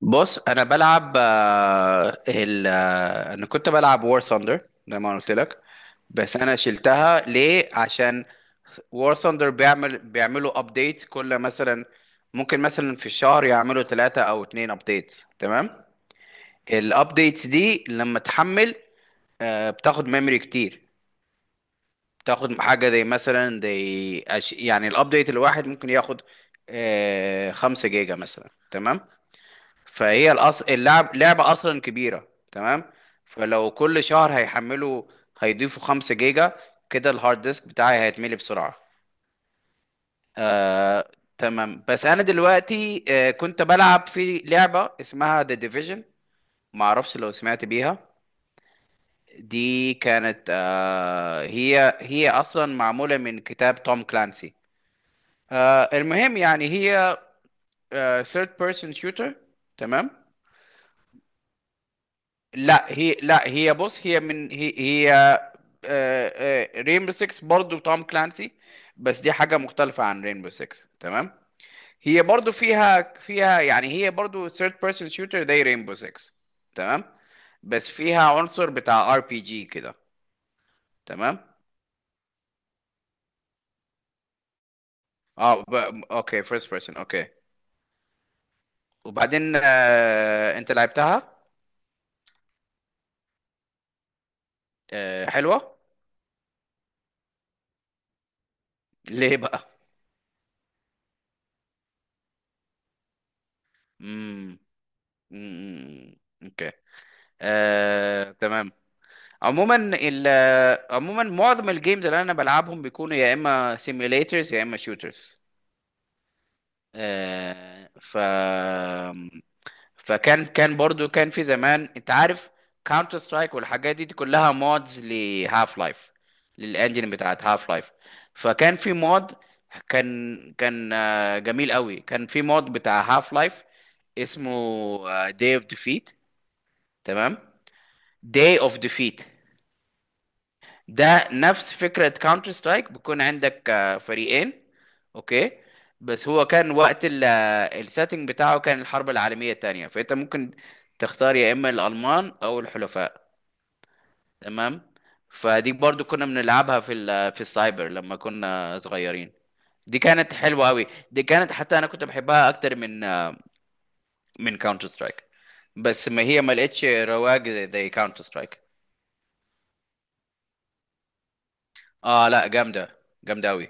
بص انا بلعب آه، ال آه، انا كنت بلعب وور ثاندر زي ما أنا قلت لك. بس انا شلتها ليه؟ عشان وور ثاندر بيعملوا ابديت. كل مثلا ممكن مثلا في الشهر يعملوا ثلاثة او اتنين ابديت، تمام؟ الابديتس دي لما تحمل بتاخد ميموري كتير. بتاخد حاجة زي مثلا زي يعني الابديت الواحد ممكن ياخد 5 جيجا مثلا، تمام. اللعب لعبة أصلا كبيرة، تمام. فلو كل شهر هيحملوا، هيضيفوا 5 جيجا، كده الهارد ديسك بتاعي هيتملي بسرعة. آه... تمام. بس أنا دلوقتي كنت بلعب في لعبة اسمها The Division، معرفش لو سمعت بيها. دي كانت هي أصلا معمولة من كتاب توم كلانسي. المهم يعني هي third person shooter، تمام. لا هي بص هي من هي هي آه، آه، رينبو 6 برضو توم كلانسي. بس دي حاجة مختلفة عن رينبو 6، تمام. هي برضو فيها يعني هي برضو third person shooter زي رينبو 6، تمام. بس فيها عنصر بتاع ار بي جي كده، تمام. اه ب... اوكي، فيرست بيرسون، اوكي. وبعدين انت لعبتها؟ حلوة. ليه بقى؟ امم. أمم، اوكي. تمام. عموما ال عموما معظم الجيمز اللي انا بلعبهم بيكونوا يا اما سيميليترز يا اما شوترز. آه ف فكان كان في زمان انت عارف كاونتر سترايك والحاجات دي, دي كلها مودز لهاف لايف، للانجن بتاعت هاف لايف. فكان في مود، كان كان آه، جميل قوي، كان في مود بتاع هاف لايف اسمه داي اوف ديفيت، تمام. داي اوف ديفيت ده نفس فكرة كاونتر سترايك. بيكون عندك فريقين، اوكي. بس هو كان وقت السيتنج بتاعه كان الحرب العالمية التانية، فانت ممكن تختار يا اما الالمان او الحلفاء، تمام. فدي برضو كنا بنلعبها في في السايبر لما كنا صغيرين. دي كانت حلوة قوي. دي كانت حتى انا كنت بحبها اكتر من من كاونتر سترايك. بس ما هي ما لقتش رواج زي كاونتر سترايك. اه لا، جامدة. جامدة قوي.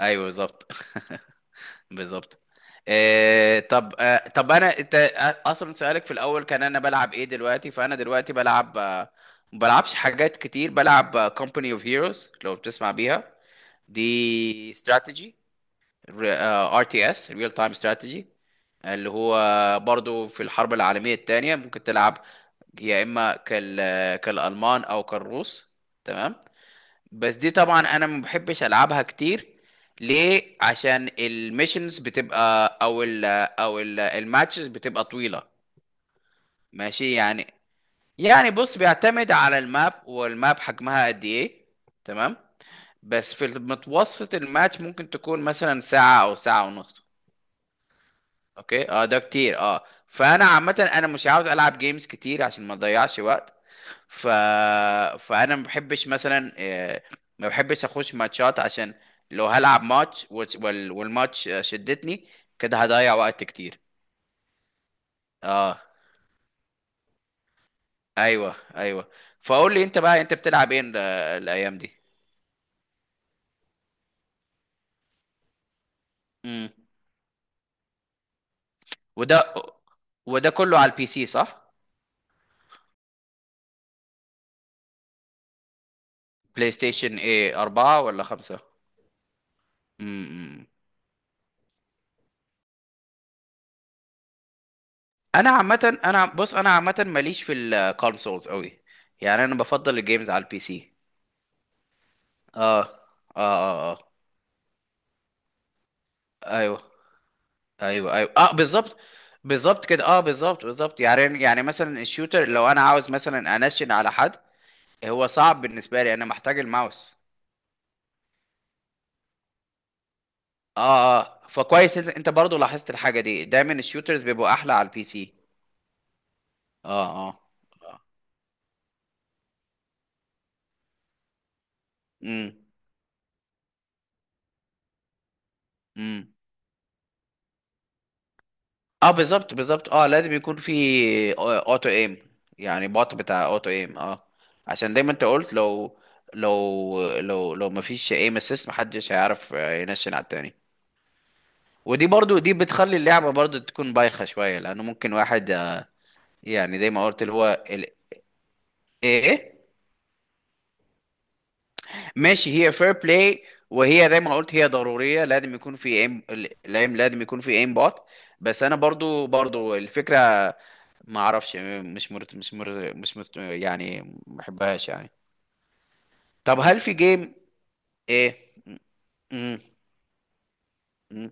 ايوه بالظبط. بالظبط. آه طب آه طب انا انت آه، اصلا سؤالك في الاول كان انا بلعب ايه دلوقتي؟ فانا دلوقتي بلعب ما بلعبش حاجات كتير. بلعب كومباني اوف هيروز، لو بتسمع بيها. دي استراتيجي، ار تي اس، ريل تايم استراتيجي. اللي هو برضو في الحرب العالمية الثانية ممكن تلعب يا اما كالالمان او كالروس، تمام. بس دي طبعا انا ما بحبش العبها كتير. ليه؟ عشان الميشنز بتبقى او ال او ال الماتشز بتبقى طويله. ماشي يعني. يعني بص بيعتمد على الماب، والماب حجمها قد ايه، تمام. بس في المتوسط الماتش ممكن تكون مثلا ساعه او ساعه ونص. اوكي، اه ده كتير، اه. فانا عامه انا مش عاوز العب جيمز كتير عشان ما اضيعش وقت. ف... فانا ما بحبش مثلا ما بحبش اخش ماتشات عشان لو هلعب ماتش والماتش شدتني كده هضيع وقت كتير. اه ايوه ايوه. فقول لي انت بقى، انت بتلعب ايه الايام دي؟ امم. وده وده كله على البي سي صح؟ بلاي ستيشن ايه، أربعة ولا خمسة؟ امم. انا عامه بص انا عامه ماليش في الكونسولز قوي. يعني انا بفضل الجيمز على البي سي. اه اه اه. اه ايوه ايوه ايوه اه بالظبط. بالظبط كده، اه بالظبط بالظبط. يعني يعني مثلا الشوتر لو انا عاوز مثلا انشن على حد، هو صعب بالنسبه لي. انا محتاج الماوس. اه اه. فكويس، انت انت برضه لاحظت الحاجه دي، دايما الشوترز بيبقوا احلى على البي سي. اه اه. امم امم. اه بالظبط بالظبط. اه لازم يكون في اوتو ايم. يعني بوت بتاع اوتو ايم، اه. عشان زي ما انت قلت، لو مفيش ايم اسيست محدش هيعرف ينشن على التاني. ودي برضو دي بتخلي اللعبة برضو تكون بايخة شوية، لأنه ممكن واحد يعني زي ما قلت اللي هو إيه؟ ماشي، هي فير بلاي. وهي زي ما قلت هي ضرورية، لازم يكون في ايم. الايم لازم يكون في ايم بوت. بس أنا برضو الفكرة ما أعرفش، مش مرت يعني، ما بحبهاش يعني. طب هل في جيم؟ إيه؟ مم.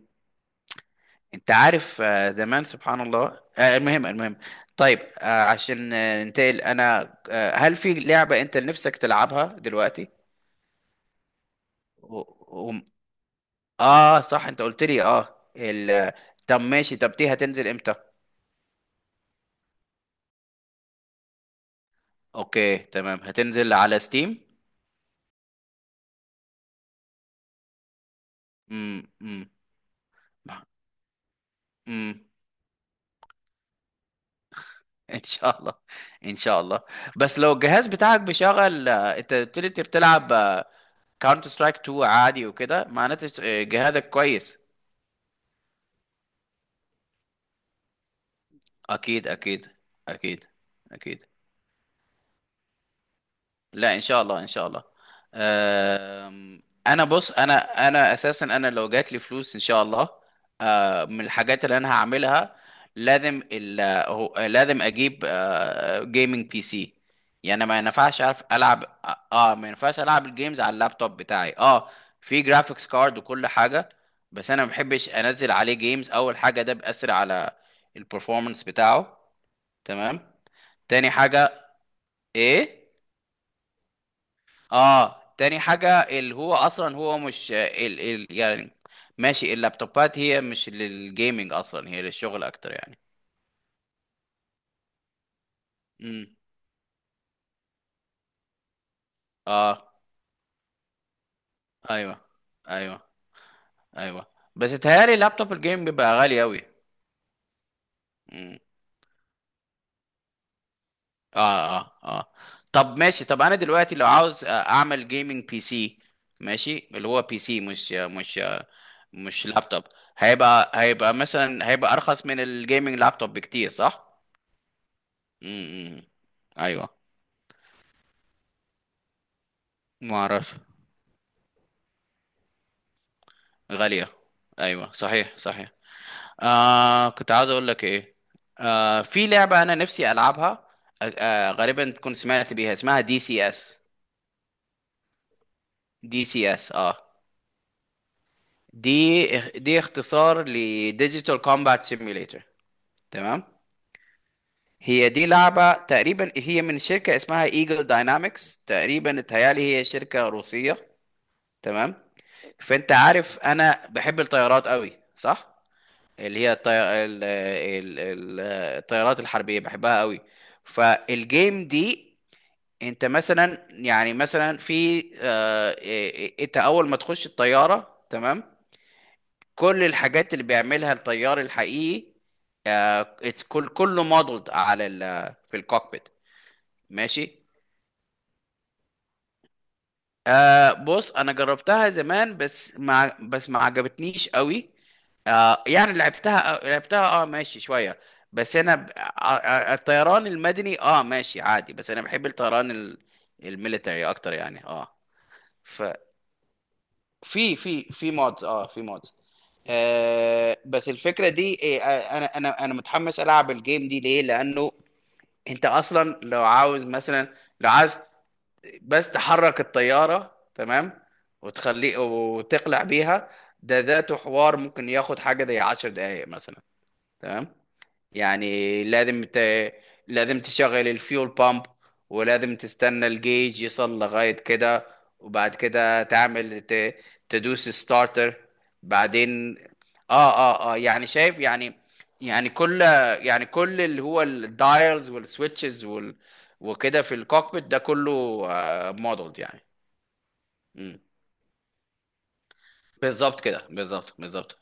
انت عارف زمان سبحان الله. المهم المهم، طيب عشان ننتقل، انا هل في لعبة انت نفسك تلعبها دلوقتي؟ و... و... اه صح، انت قلت لي اه ال... طب ماشي، طب دي هتنزل امتى؟ اوكي تمام. هتنزل على ستيم؟ امم امم امم. ان شاء الله، ان شاء الله. بس لو الجهاز بتاعك بيشغل انت قلت لي انت بتلعب كاونتر سترايك 2 عادي وكده، معناته جهازك كويس. اكيد اكيد اكيد اكيد. لا ان شاء الله، ان شاء الله. أم، انا انا اساسا انا لو جات لي فلوس ان شاء الله، من الحاجات اللي انا هعملها لازم لازم اجيب جيمنج بي سي. يعني ما ينفعش اعرف العب اه، ما ينفعش العب الجيمز على اللابتوب بتاعي. اه في جرافيكس كارد وكل حاجه، بس انا ما بحبش انزل عليه جيمز. اول حاجه ده بيأثر على البرفورمانس بتاعه، تمام. تاني حاجة، ايه؟ اه تاني حاجة اللي هو اصلا هو مش ال ال يعني ماشي، اللابتوبات هي مش للجيمنج اصلا، هي للشغل اكتر يعني. امم اه ايوه ايوه ايوه. بس اتهيألي لابتوب الجيم بيبقى غالي اوي. امم اه اه اه. طب ماشي، طب انا دلوقتي لو عاوز اعمل جيمنج بي سي، ماشي اللي هو بي سي مش لابتوب، هيبقى مثلا هيبقى ارخص من الجيمنج لابتوب بكتير صح؟ امم ايوه. ما اعرف، غالية. ايوه صحيح صحيح. آه كنت عاوز اقول لك ايه، في لعبة انا نفسي العبها، آه غالبا تكون سمعت بيها، اسمها دي سي اس. دي سي اس، اه. دي دي اختصار لديجيتال كومبات سيميوليتر، تمام. هي دي لعبة، تقريبا هي من شركة اسمها ايجل داينامكس، تقريبا اتهيالي هي شركة روسية، تمام. فانت عارف انا بحب الطيارات قوي صح؟ اللي هي الطيارات الحربية بحبها قوي. فالجيم دي، انت مثلا يعني مثلا في انت اول ما تخش الطيارة، تمام. كل الحاجات اللي بيعملها الطيار الحقيقي، كله مودلد على في الكوكبيت. ماشي. آه بص انا جربتها زمان بس ما بس ما عجبتنيش قوي. آه يعني لعبتها اه ماشي شويه. بس انا ب... آه آه، الطيران المدني اه ماشي عادي، بس انا بحب الطيران الميليتري اكتر يعني اه. ففي في في مودز اه في مودز. آه بس الفكره دي إيه، آه، انا متحمس العب الجيم دي ليه؟ لانه انت اصلا لو عاوز مثلا، لو عايز بس تحرك الطيارة، تمام. وتخليه وتقلع بيها، ده ذاته حوار ممكن ياخد حاجة زي 10 دقايق مثلا، تمام. يعني لازم تشغل الفيول بامب، ولازم تستنى الجيج يصل لغاية كده، وبعد كده تدوس ستارتر. بعدين اه اه اه، يعني شايف يعني. يعني كل، يعني كل اللي هو الدايلز والسويتشز وكده في الكوكبيت ده كله مودلد يعني. مم. بالظبط كده، بالظبط بالظبط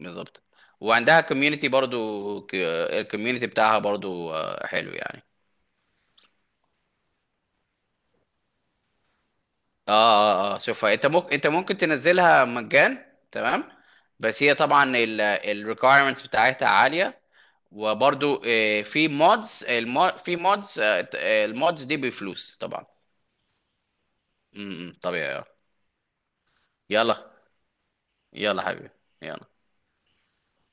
بالظبط. وعندها كوميونتي برضو، الكوميونتي بتاعها برضو حلو يعني. اه اه اه شوفها. انت ممكن، انت ممكن تنزلها مجان، تمام. بس هي طبعا الريكويرمنتس بتاعتها عاليه. وبرضو في مودز، في مودز، المودز دي بفلوس طبعا. طبيعي آه. يلا، يلا حبيبي، يلا.